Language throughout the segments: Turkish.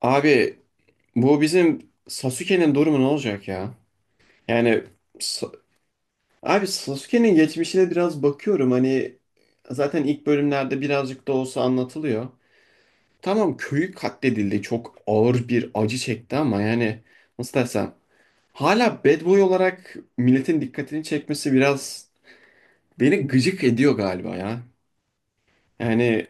Abi bu bizim Sasuke'nin durumu ne olacak ya? Yani Sa- abi Sasuke'nin geçmişine biraz bakıyorum, hani zaten ilk bölümlerde birazcık da olsa anlatılıyor. Tamam, köyü katledildi, çok ağır bir acı çekti, ama yani nasıl desem, hala bad boy olarak milletin dikkatini çekmesi biraz beni gıcık ediyor galiba ya. Yani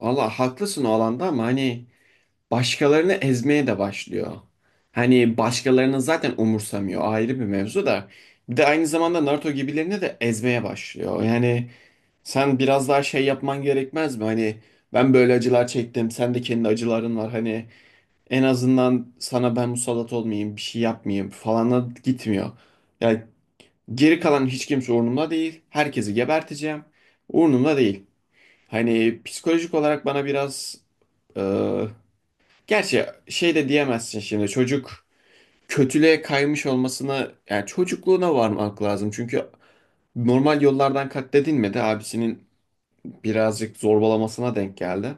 valla haklısın o alanda, ama hani başkalarını ezmeye de başlıyor. Hani başkalarını zaten umursamıyor, ayrı bir mevzu da. Bir de aynı zamanda Naruto gibilerini de ezmeye başlıyor. Yani sen biraz daha şey yapman gerekmez mi? Hani ben böyle acılar çektim, sen de kendi acıların var. Hani en azından sana ben musallat olmayayım, bir şey yapmayayım falana gitmiyor. Yani geri kalan hiç kimse umurumda değil. Herkesi geberteceğim. Umurumda değil. Hani psikolojik olarak bana biraz. Gerçi şey de diyemezsin, şimdi çocuk kötülüğe kaymış olmasına yani çocukluğuna varmak lazım. Çünkü normal yollardan katledilmedi. Abisinin birazcık zorbalamasına denk geldi.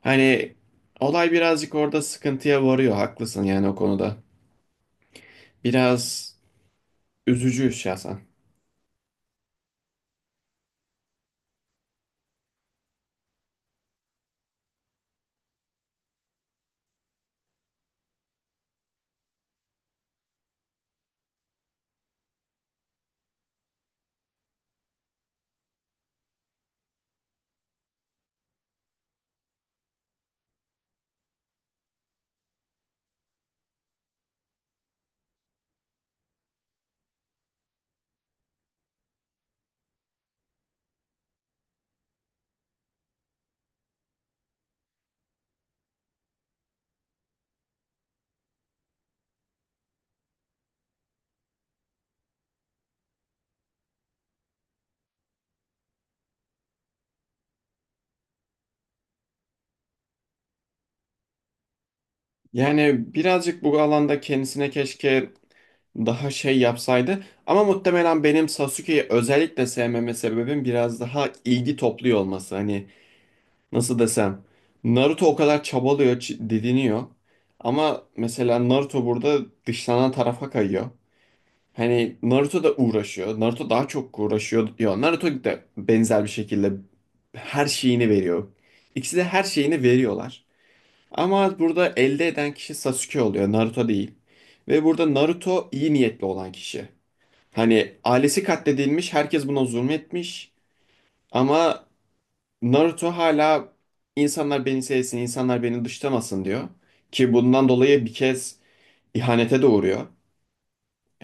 Hani olay birazcık orada sıkıntıya varıyor. Haklısın yani o konuda. Biraz üzücü şahsen. Yani birazcık bu alanda kendisine keşke daha şey yapsaydı. Ama muhtemelen benim Sasuke'yi özellikle sevmeme sebebim biraz daha ilgi topluyor olması. Hani nasıl desem, Naruto o kadar çabalıyor, didiniyor. Ama mesela Naruto burada dışlanan tarafa kayıyor. Hani Naruto da uğraşıyor. Naruto daha çok uğraşıyor. Ya Naruto da benzer bir şekilde her şeyini veriyor. İkisi de her şeyini veriyorlar. Ama burada elde eden kişi Sasuke oluyor, Naruto değil. Ve burada Naruto iyi niyetli olan kişi. Hani ailesi katledilmiş, herkes buna zulmetmiş. Ama Naruto hala insanlar beni sevsin, insanlar beni dışlamasın diyor. Ki bundan dolayı bir kez ihanete de uğruyor.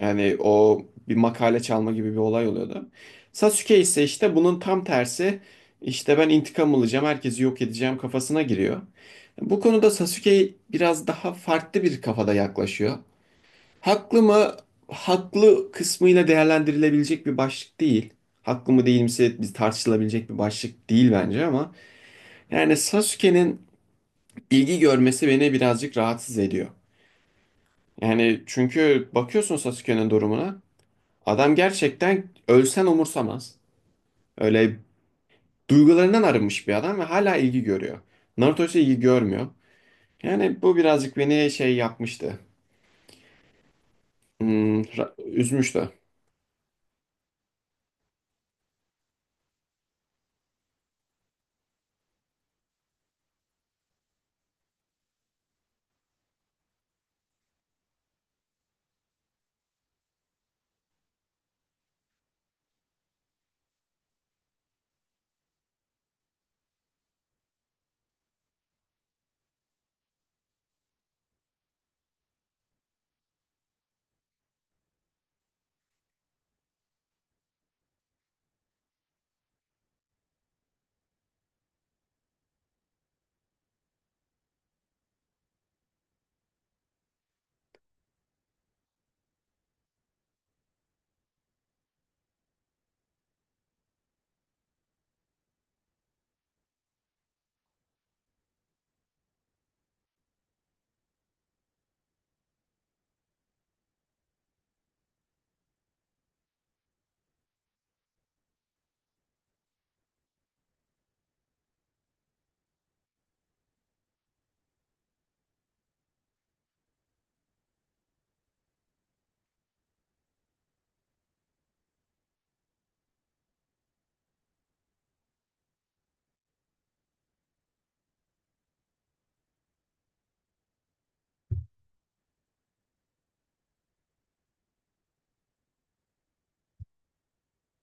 Yani o bir makale çalma gibi bir olay oluyordu. Sasuke ise işte bunun tam tersi. İşte ben intikam alacağım, herkesi yok edeceğim kafasına giriyor. Bu konuda Sasuke biraz daha farklı bir kafada yaklaşıyor. Haklı mı? Haklı kısmıyla değerlendirilebilecek bir başlık değil. Haklı mı değil mi biz tartışılabilecek bir başlık değil bence, ama yani Sasuke'nin ilgi görmesi beni birazcık rahatsız ediyor. Yani çünkü bakıyorsun Sasuke'nin durumuna. Adam gerçekten ölsen umursamaz. Öyle duygularından arınmış bir adam ve hala ilgi görüyor. Naruto ise ilgi görmüyor. Yani bu birazcık beni şey yapmıştı. Hmm, üzmüştü.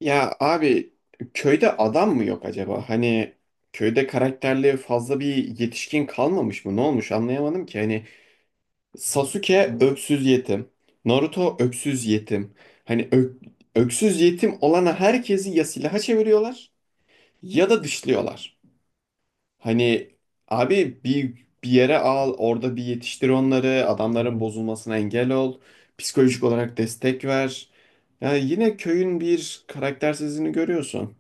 Ya abi köyde adam mı yok acaba? Hani köyde karakterli fazla bir yetişkin kalmamış mı? Ne olmuş anlayamadım ki. Hani Sasuke öksüz yetim. Naruto öksüz yetim. Hani öksüz yetim olana herkesi ya silaha çeviriyorlar ya da dışlıyorlar. Hani abi bir yere al, orada bir yetiştir onları, adamların bozulmasına engel ol, psikolojik olarak destek ver. Ya yine köyün bir karaktersizliğini görüyorsun.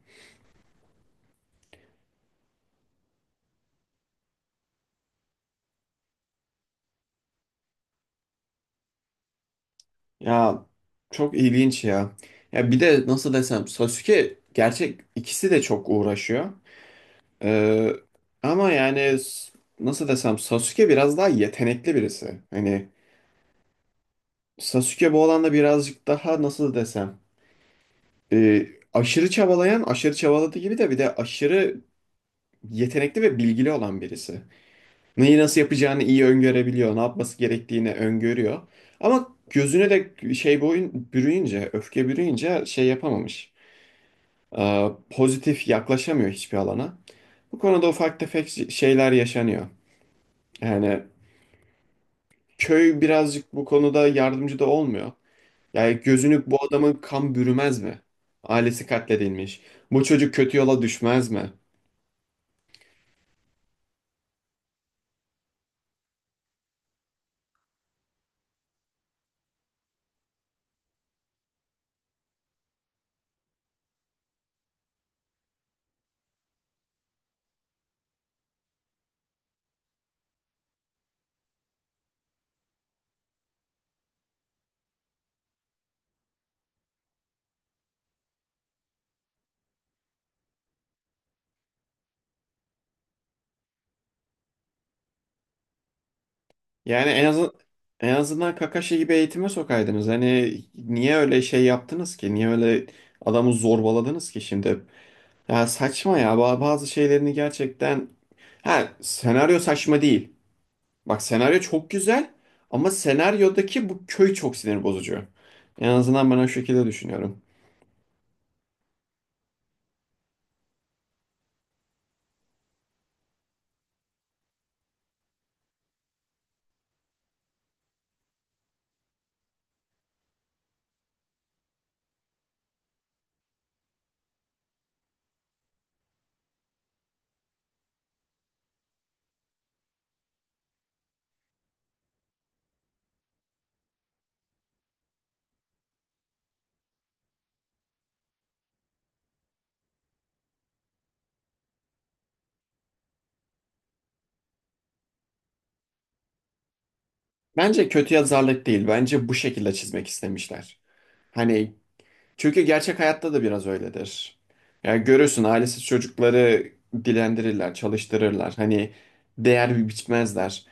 Ya çok ilginç ya. Ya bir de nasıl desem, Sasuke gerçek ikisi de çok uğraşıyor. Ee, ama yani nasıl desem, Sasuke biraz daha yetenekli birisi. Hani Sasuke bu alanda birazcık daha nasıl desem, e, aşırı çabalayan, aşırı çabaladığı gibi de bir de aşırı yetenekli ve bilgili olan birisi. Neyi nasıl yapacağını iyi öngörebiliyor, ne yapması gerektiğini öngörüyor. Ama gözüne de şey boyun bürüyünce, öfke bürüyünce şey yapamamış. Pozitif yaklaşamıyor hiçbir alana. Bu konuda ufak tefek şeyler yaşanıyor. Yani köy birazcık bu konuda yardımcı da olmuyor. Yani gözünü bu adamın kan bürümez mi? Ailesi katledilmiş. Bu çocuk kötü yola düşmez mi? Yani en azından, en azından Kakashi gibi eğitime sokaydınız. Hani niye öyle şey yaptınız ki? Niye öyle adamı zorbaladınız ki şimdi? Ya saçma ya. Bazı şeylerini gerçekten, ha, senaryo saçma değil. Bak, senaryo çok güzel, ama senaryodaki bu köy çok sinir bozucu. En azından ben o şekilde düşünüyorum. Bence kötü yazarlık değil. Bence bu şekilde çizmek istemişler. Hani çünkü gerçek hayatta da biraz öyledir. Yani görürsün, ailesiz çocukları dilendirirler, çalıştırırlar. Hani değer biçmezler.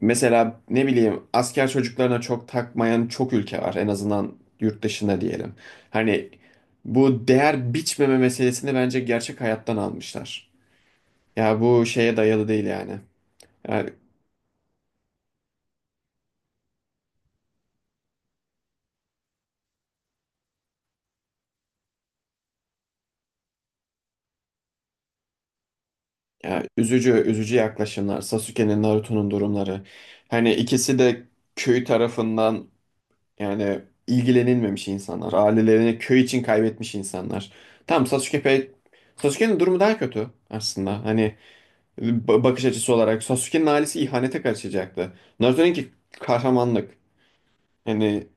Mesela ne bileyim, asker çocuklarına çok takmayan çok ülke var. En azından yurt dışında diyelim. Hani bu değer biçmeme meselesini bence gerçek hayattan almışlar. Ya bu şeye dayalı değil yani. Ya üzücü üzücü yaklaşımlar. Sasuke'nin, Naruto'nun durumları. Hani ikisi de köy tarafından yani ilgilenilmemiş insanlar. Ailelerini köy için kaybetmiş insanlar. Tamam Sasuke pek. Sasuke'nin durumu daha kötü aslında. Hani bakış açısı olarak Sasuke'nin ailesi ihanete karışacaktı. Naruto'nunki kahramanlık. Hani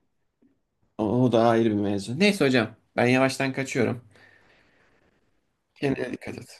o da ayrı bir mevzu. Neyse hocam, ben yavaştan kaçıyorum. Kendine dikkat et.